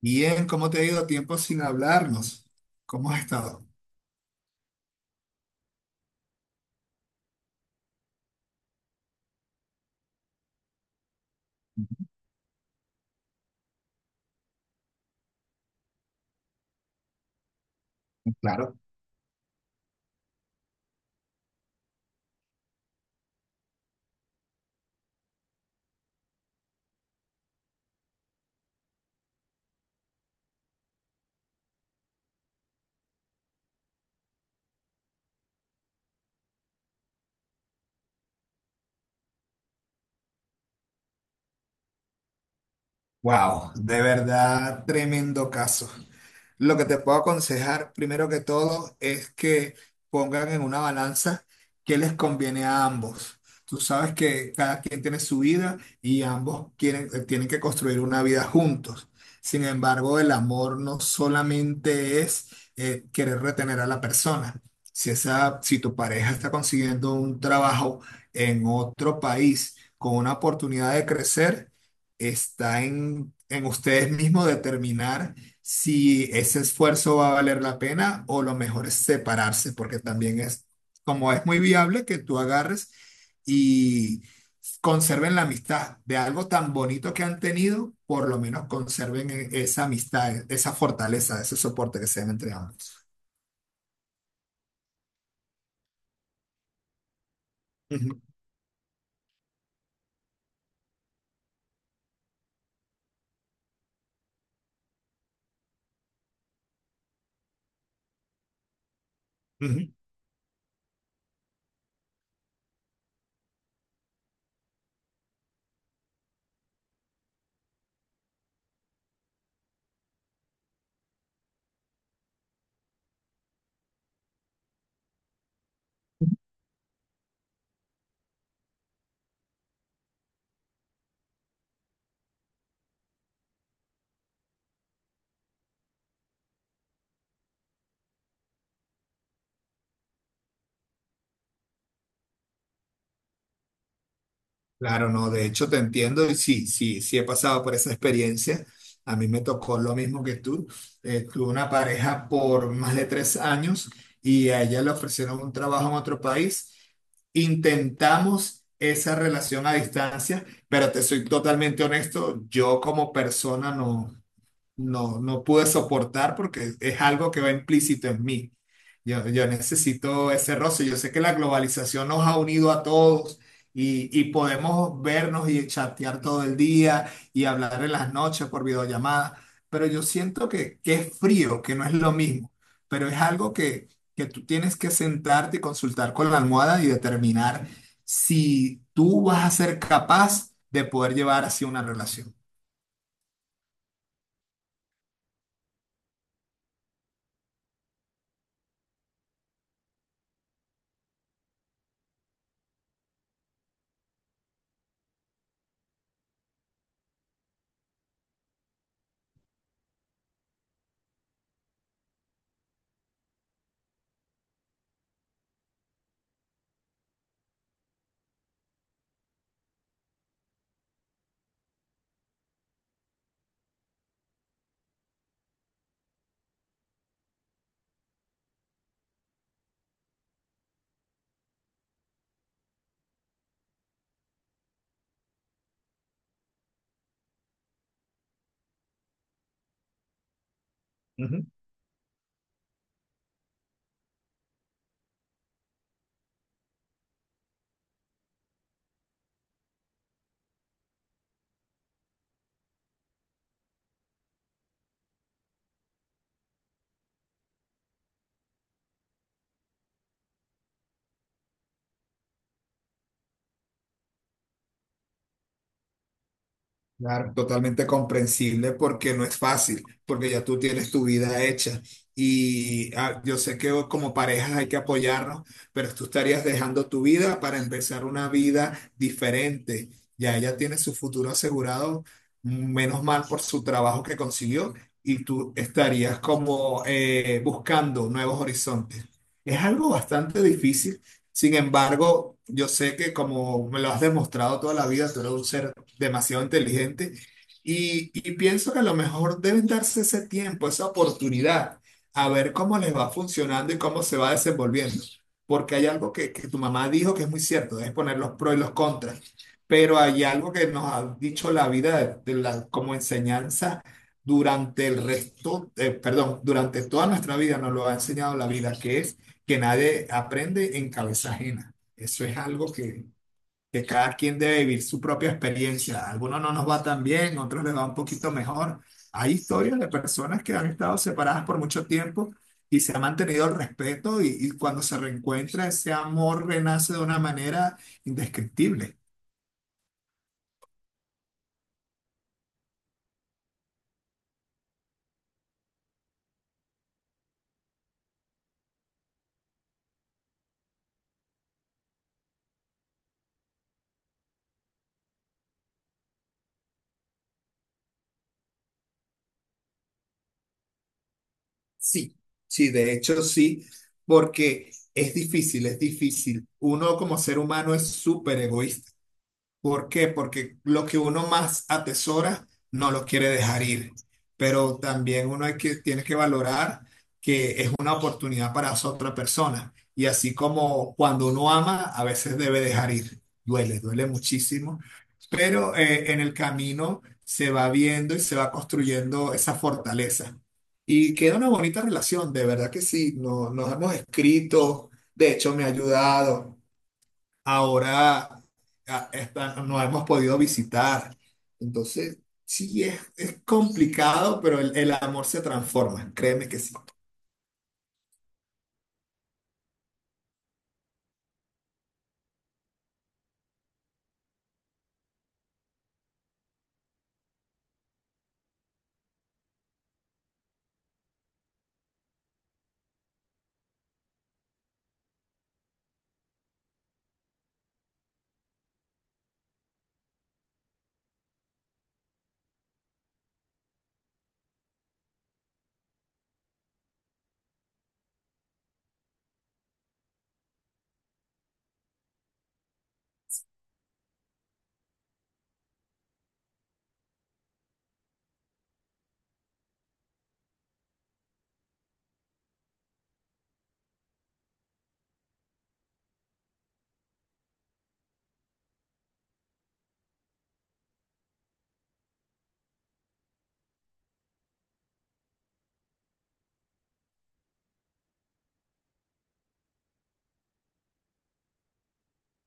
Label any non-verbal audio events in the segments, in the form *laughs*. Bien, ¿cómo te ha ido tiempo sin hablarnos? ¿Cómo has estado? Claro. Wow, de verdad, tremendo caso. Lo que te puedo aconsejar, primero que todo, es que pongan en una balanza qué les conviene a ambos. Tú sabes que cada quien tiene su vida y ambos quieren, tienen que construir una vida juntos. Sin embargo, el amor no solamente es querer retener a la persona. Si tu pareja está consiguiendo un trabajo en otro país con una oportunidad de crecer, está en ustedes mismos determinar si ese esfuerzo va a valer la pena o lo mejor es separarse, porque también es, como es muy viable que tú agarres y conserven la amistad de algo tan bonito que han tenido, por lo menos conserven esa amistad, esa fortaleza, ese soporte que se dan entre ambos. Ujú, ujú. Claro, no, de hecho te entiendo y sí, sí, sí he pasado por esa experiencia. A mí me tocó lo mismo que tú. Tuve una pareja por más de 3 años y a ella le ofrecieron un trabajo en otro país. Intentamos esa relación a distancia, pero te soy totalmente honesto, yo como persona no pude soportar porque es algo que va implícito en mí. Yo necesito ese roce. Yo sé que la globalización nos ha unido a todos y podemos vernos y chatear todo el día y hablar en las noches por videollamada, pero yo siento que es frío, que no es lo mismo, pero es algo que tú tienes que sentarte y consultar con la almohada y determinar si tú vas a ser capaz de poder llevar así una relación. Ujú. Claro, totalmente comprensible porque no es fácil, porque ya tú tienes tu vida hecha y ah, yo sé que como parejas hay que apoyarnos, pero tú estarías dejando tu vida para empezar una vida diferente. Ya ella tiene su futuro asegurado, menos mal por su trabajo que consiguió y tú estarías como buscando nuevos horizontes. Es algo bastante difícil, sin embargo, yo sé que como me lo has demostrado toda la vida, tú eres un ser demasiado inteligente. Y pienso que a lo mejor deben darse ese tiempo, esa oportunidad, a ver cómo les va funcionando y cómo se va desenvolviendo. Porque hay algo que tu mamá dijo que es muy cierto, debes poner los pros y los contras. Pero hay algo que nos ha dicho la vida como enseñanza durante el resto, perdón, durante toda nuestra vida nos lo ha enseñado la vida, que es que nadie aprende en cabeza ajena. Eso es algo que cada quien debe vivir su propia experiencia. A algunos no nos va tan bien, a otros les va un poquito mejor. Hay historias de personas que han estado separadas por mucho tiempo y se ha mantenido el respeto y cuando se reencuentra ese amor renace de una manera indescriptible. Sí, sí, de hecho sí, porque es difícil, es difícil. Uno como ser humano es súper egoísta. ¿Por qué? Porque lo que uno más atesora no lo quiere dejar ir, pero también uno hay que, tiene que valorar que es una oportunidad para esa otra persona. Y así como cuando uno ama, a veces debe dejar ir. Duele, duele muchísimo, pero en el camino se va viendo y se va construyendo esa fortaleza. Y queda una bonita relación, de verdad que sí, nos hemos escrito, de hecho me ha ayudado ahora no hemos podido visitar. Entonces, sí, es complicado, pero el amor se transforma, créeme que sí.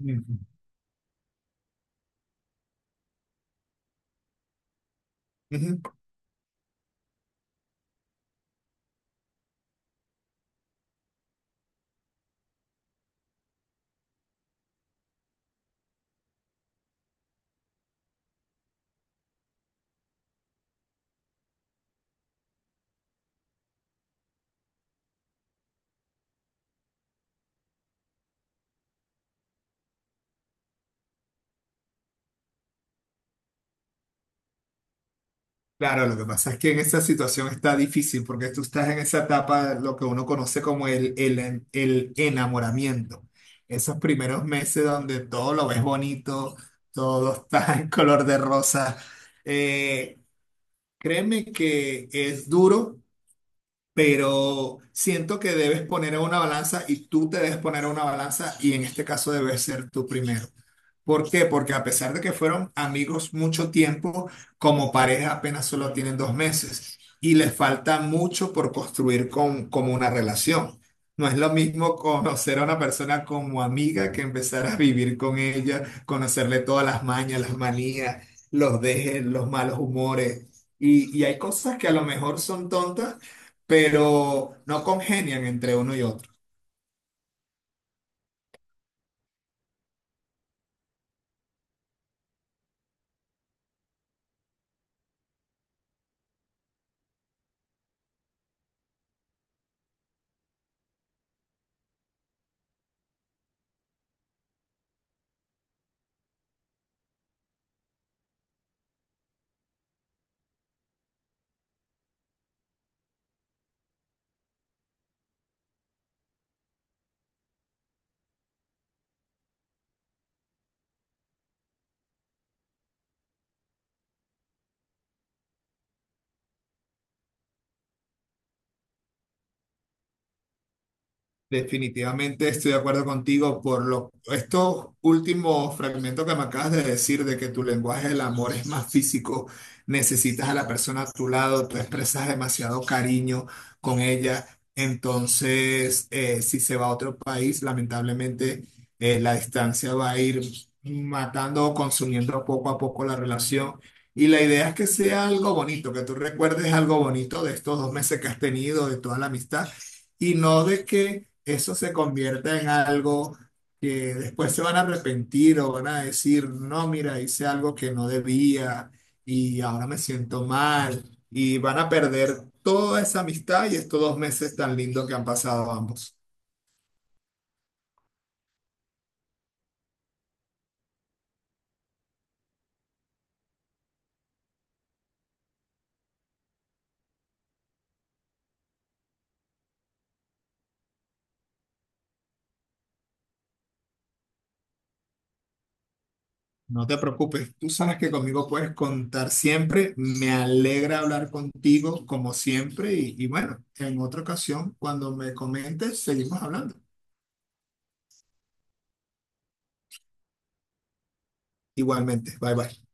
Ujú. Ujú. Claro, lo que pasa es que en esa situación está difícil porque tú estás en esa etapa, lo que uno conoce como el enamoramiento. Esos primeros meses donde todo lo ves bonito, todo está *laughs* en color de rosa. Eh, créeme que es duro, pero siento que debes poner a una balanza y tú te debes poner a una balanza y en este caso debes ser tú primero. ¿Por qué? Porque a pesar de que fueron amigos mucho tiempo, como pareja apenas solo tienen 2 meses y les falta mucho por construir con, como una relación. No es lo mismo conocer a una persona como amiga que empezar a vivir con ella, conocerle todas las mañas, las manías, los dejes, los malos humores. Y hay cosas que a lo mejor son tontas, pero no congenian entre uno y otro. Definitivamente estoy de acuerdo contigo por lo, estos últimos fragmentos que me acabas de decir de que tu lenguaje del amor es más físico, necesitas a la persona a tu lado, tú expresas demasiado cariño con ella, entonces si se va a otro país, lamentablemente la distancia va a ir matando o consumiendo poco a poco la relación. Y la idea es que sea algo bonito, que tú recuerdes algo bonito de estos 2 meses que has tenido, de toda la amistad, y no de que eso se convierta en algo que después se van a arrepentir o van a decir, no, mira, hice algo que no debía y ahora me siento mal y van a perder toda esa amistad y estos 2 meses tan lindos que han pasado ambos. No te preocupes, tú sabes que conmigo puedes contar siempre. Me alegra hablar contigo como siempre y bueno, en otra ocasión, cuando me comentes, seguimos hablando. Igualmente, bye bye.